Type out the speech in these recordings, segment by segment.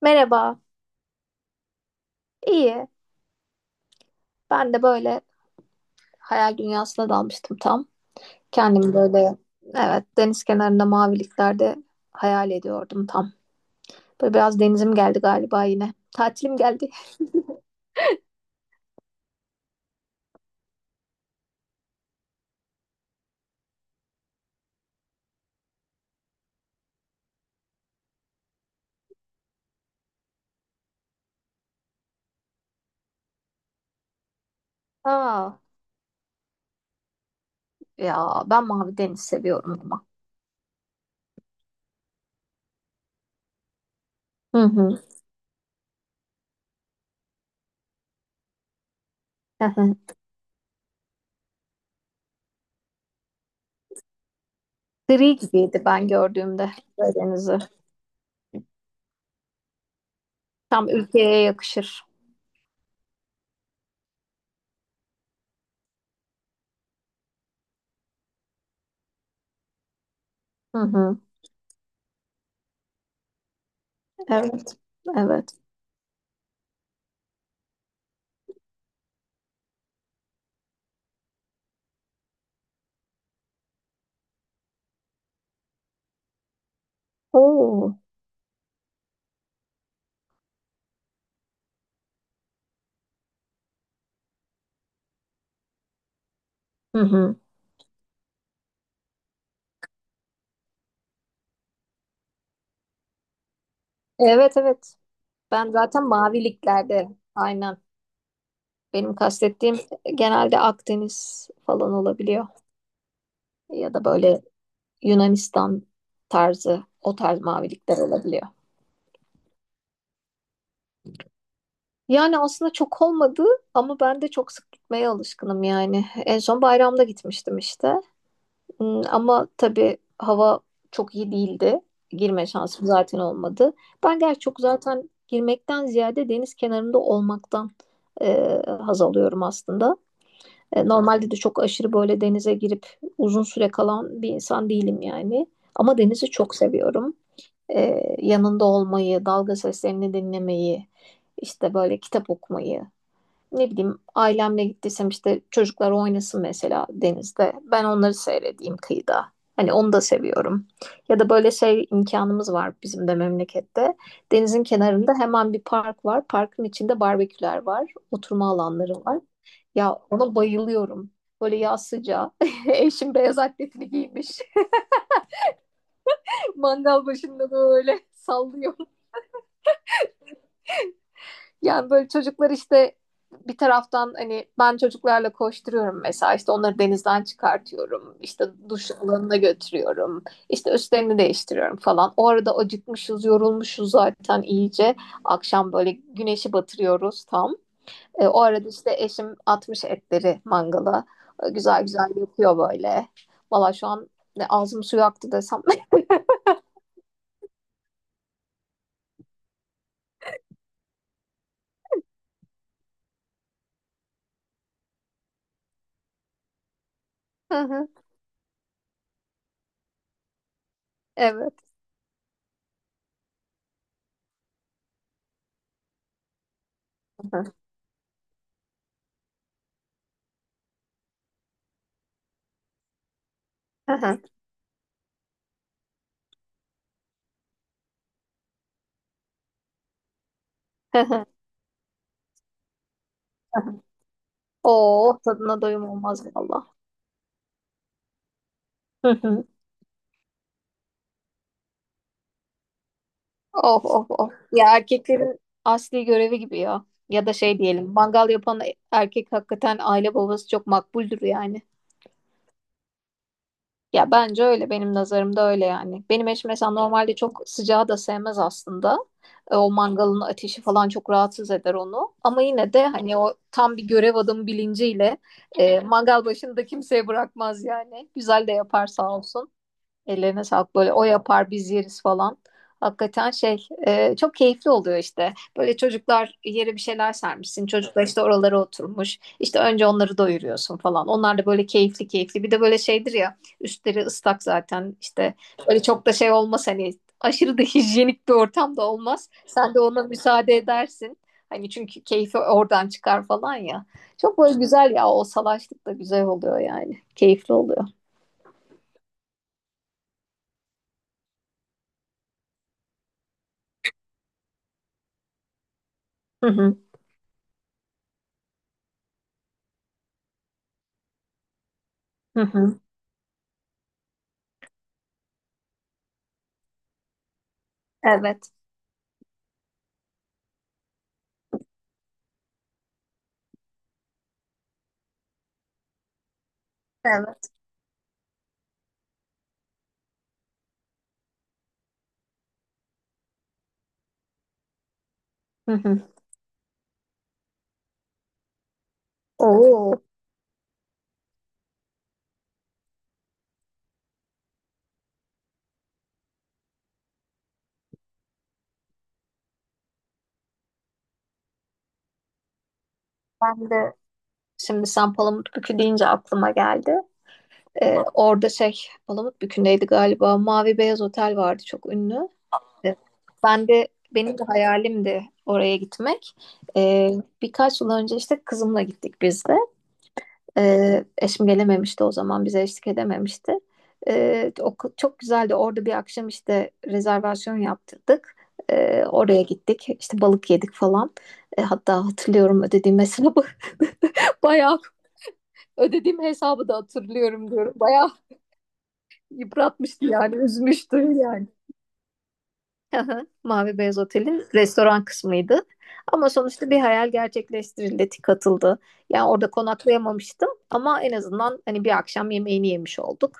Merhaba. İyi. Ben de böyle hayal dünyasına dalmıştım tam. Kendimi böyle, evet, deniz kenarında maviliklerde hayal ediyordum tam. Böyle biraz denizim geldi galiba yine. Tatilim geldi. Aa, ya ben mavi deniz seviyorum ama. Hı hı. Hı hı. Gri gibiydi ben gördüğümde böyle denizi. Tam ülkeye yakışır. Hı hı. Evet. Evet. Oo. Hı hı. Evet evet. Ben zaten maviliklerde. Aynen. Benim kastettiğim, genelde Akdeniz falan olabiliyor. Ya da böyle Yunanistan tarzı, o tarz mavilikler olabiliyor. Yani aslında çok olmadı ama ben de çok sık gitmeye alışkınım yani. En son bayramda gitmiştim işte. Ama tabii hava çok iyi değildi. Girme şansım zaten olmadı. Ben gerçi çok zaten girmekten ziyade deniz kenarında olmaktan haz alıyorum aslında. Normalde de çok aşırı böyle denize girip uzun süre kalan bir insan değilim yani. Ama denizi çok seviyorum. Yanında olmayı, dalga seslerini dinlemeyi, işte böyle kitap okumayı, ne bileyim, ailemle gittiysem işte çocuklar oynasın mesela denizde. Ben onları seyredeyim kıyıda. Hani onu da seviyorum. Ya da böyle şey, imkanımız var bizim de memlekette. Denizin kenarında hemen bir park var. Parkın içinde barbeküler var. Oturma alanları var. Ya ona bayılıyorum. Böyle yaz sıcağı. Eşim beyaz atletini giymiş. Mangal başında böyle sallıyor. Yani böyle çocuklar işte bir taraftan, hani ben çocuklarla koşturuyorum mesela, işte onları denizden çıkartıyorum, işte duş alanına götürüyorum, işte üstlerini değiştiriyorum falan. O arada acıkmışız, yorulmuşuz zaten iyice. Akşam böyle güneşi batırıyoruz tam. O arada işte eşim atmış etleri mangala. Güzel güzel yapıyor böyle. Valla şu an ne ağzım suyu aktı desem. Hı hı. Evet. Hı hı. Hı hı. Hı hı. Oo, tadına doyum olmaz valla. Of of of. Ya erkeklerin asli görevi gibi ya. Ya da şey diyelim, mangal yapan erkek hakikaten aile babası çok makbuldür yani. Ya bence öyle, benim nazarımda öyle yani. Benim eşim mesela normalde çok sıcağı da sevmez aslında. O mangalın ateşi falan çok rahatsız eder onu. Ama yine de hani o tam bir görev adamı bilinciyle, mangal başında da kimseye bırakmaz yani. Güzel de yapar sağ olsun. Ellerine sağlık, böyle o yapar biz yeriz falan. Hakikaten şey, çok keyifli oluyor işte. Böyle çocuklar yere bir şeyler sermişsin. Çocuklar işte oralara oturmuş. İşte önce onları doyuruyorsun falan. Onlar da böyle keyifli keyifli. Bir de böyle şeydir ya, üstleri ıslak zaten işte, böyle çok da şey olmaz hani, aşırı da hijyenik bir ortam da olmaz. Sen de ona müsaade edersin. Hani çünkü keyfi oradan çıkar falan ya. Çok böyle güzel ya, o salaşlık da güzel oluyor yani. Keyifli oluyor. Hı hı. Hı hı. Evet. Evet. Hı hı. Oo. Ben de şimdi sen Palamutbükü deyince aklıma geldi. Orada şey, Palamutbükü'ndeydi galiba. Mavi Beyaz Otel vardı, çok ünlü. Ee, Ben de benim de hayalimdi oraya gitmek. Ee, Birkaç yıl önce işte kızımla gittik biz de. Eşim gelememişti o zaman, bize eşlik edememişti. Çok güzeldi. Orada bir akşam işte rezervasyon yaptırdık. Oraya gittik. İşte balık yedik falan. Hatta hatırlıyorum ödediğim hesabı. Bayağı ödediğim hesabı da hatırlıyorum diyorum. Bayağı yıpratmıştı yani, üzmüştü yani. Aha, Mavi Beyaz Otel'in restoran kısmıydı. Ama sonuçta bir hayal gerçekleştirildi, tik atıldı. Yani orada konaklayamamıştım ama en azından hani bir akşam yemeğini yemiş olduk.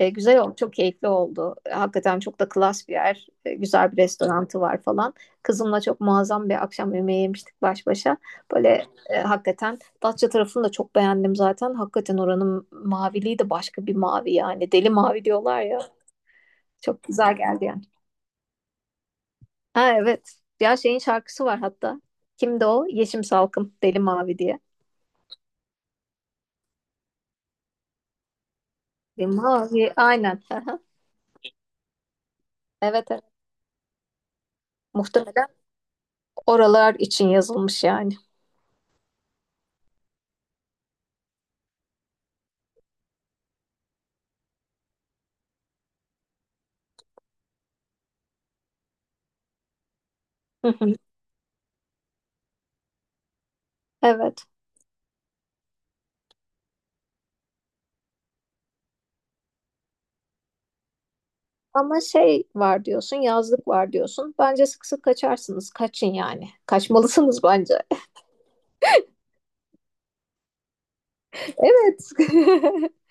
Güzel oldu, çok keyifli oldu. Hakikaten çok da klas bir yer, güzel bir restoranı var falan. Kızımla çok muazzam bir akşam yemeği yemiştik baş başa. Böyle, hakikaten Datça tarafını da çok beğendim zaten. Hakikaten oranın maviliği de başka bir mavi yani. Deli mavi diyorlar ya. Çok güzel geldi yani. Ha evet. Ya şeyin şarkısı var hatta. Kimdi o? Yeşim Salkım. Deli Mavi diye. Deli Mavi aynen. Aha. Evet evet. Muhtemelen oralar için yazılmış yani. Hı hı. Evet. Ama şey var diyorsun, yazlık var diyorsun. Bence sık sık kaçarsınız. Kaçın yani. Kaçmalısınız bence. Evet.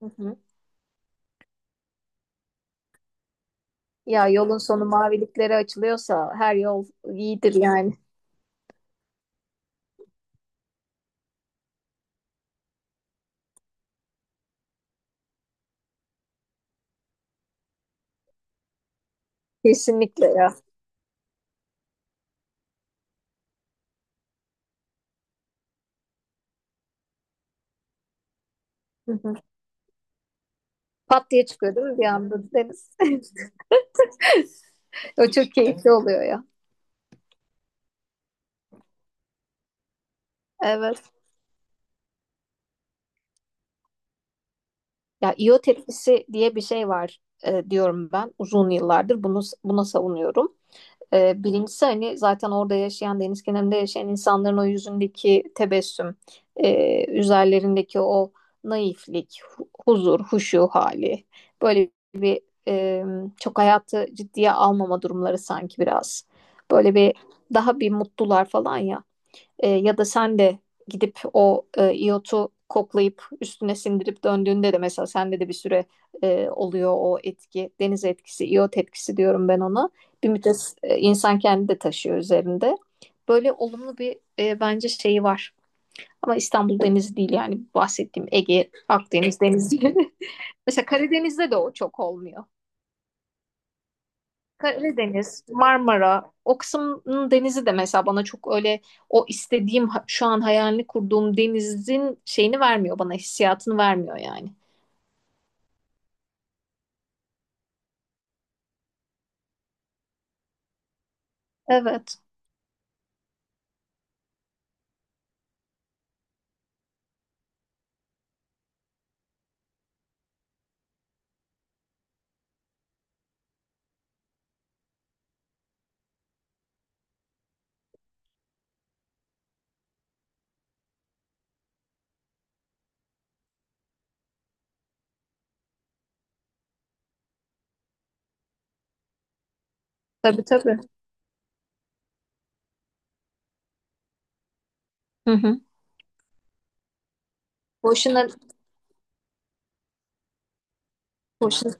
Hı hı. Ya yolun sonu maviliklere açılıyorsa her yol iyidir yani. Kesinlikle ya. Pat diye çıkıyor değil mi bir anda deniz? O çok keyifli oluyor ya. Evet. Ya iot etkisi diye bir şey var, diyorum ben uzun yıllardır buna savunuyorum. Birincisi hani zaten orada yaşayan, deniz kenarında yaşayan insanların o yüzündeki tebessüm, üzerlerindeki o naiflik, huzur, huşu hali. Böyle, e, çok hayatı ciddiye almama durumları sanki biraz. Böyle bir daha bir mutlular falan ya. Ya da sen de gidip o, iyotu koklayıp üstüne sindirip döndüğünde de mesela sende de bir süre, oluyor o etki. Deniz etkisi, iyot etkisi diyorum ben ona. Bir müddet, insan kendi de taşıyor üzerinde. Böyle olumlu bir, bence şeyi var. Ama İstanbul Denizi değil yani, bahsettiğim Ege, Akdeniz Denizi. Mesela Karadeniz'de de o çok olmuyor. Karadeniz, Marmara, o kısmın denizi de mesela bana çok öyle, o istediğim şu an hayalini kurduğum denizin şeyini vermiyor bana, hissiyatını vermiyor yani. Evet. Tabii tabii. Hı hı. Boşuna, boşuna.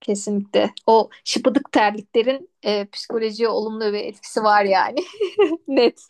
Kesinlikle. O şıpıdık terliklerin, psikolojiye olumlu bir etkisi var yani. Net.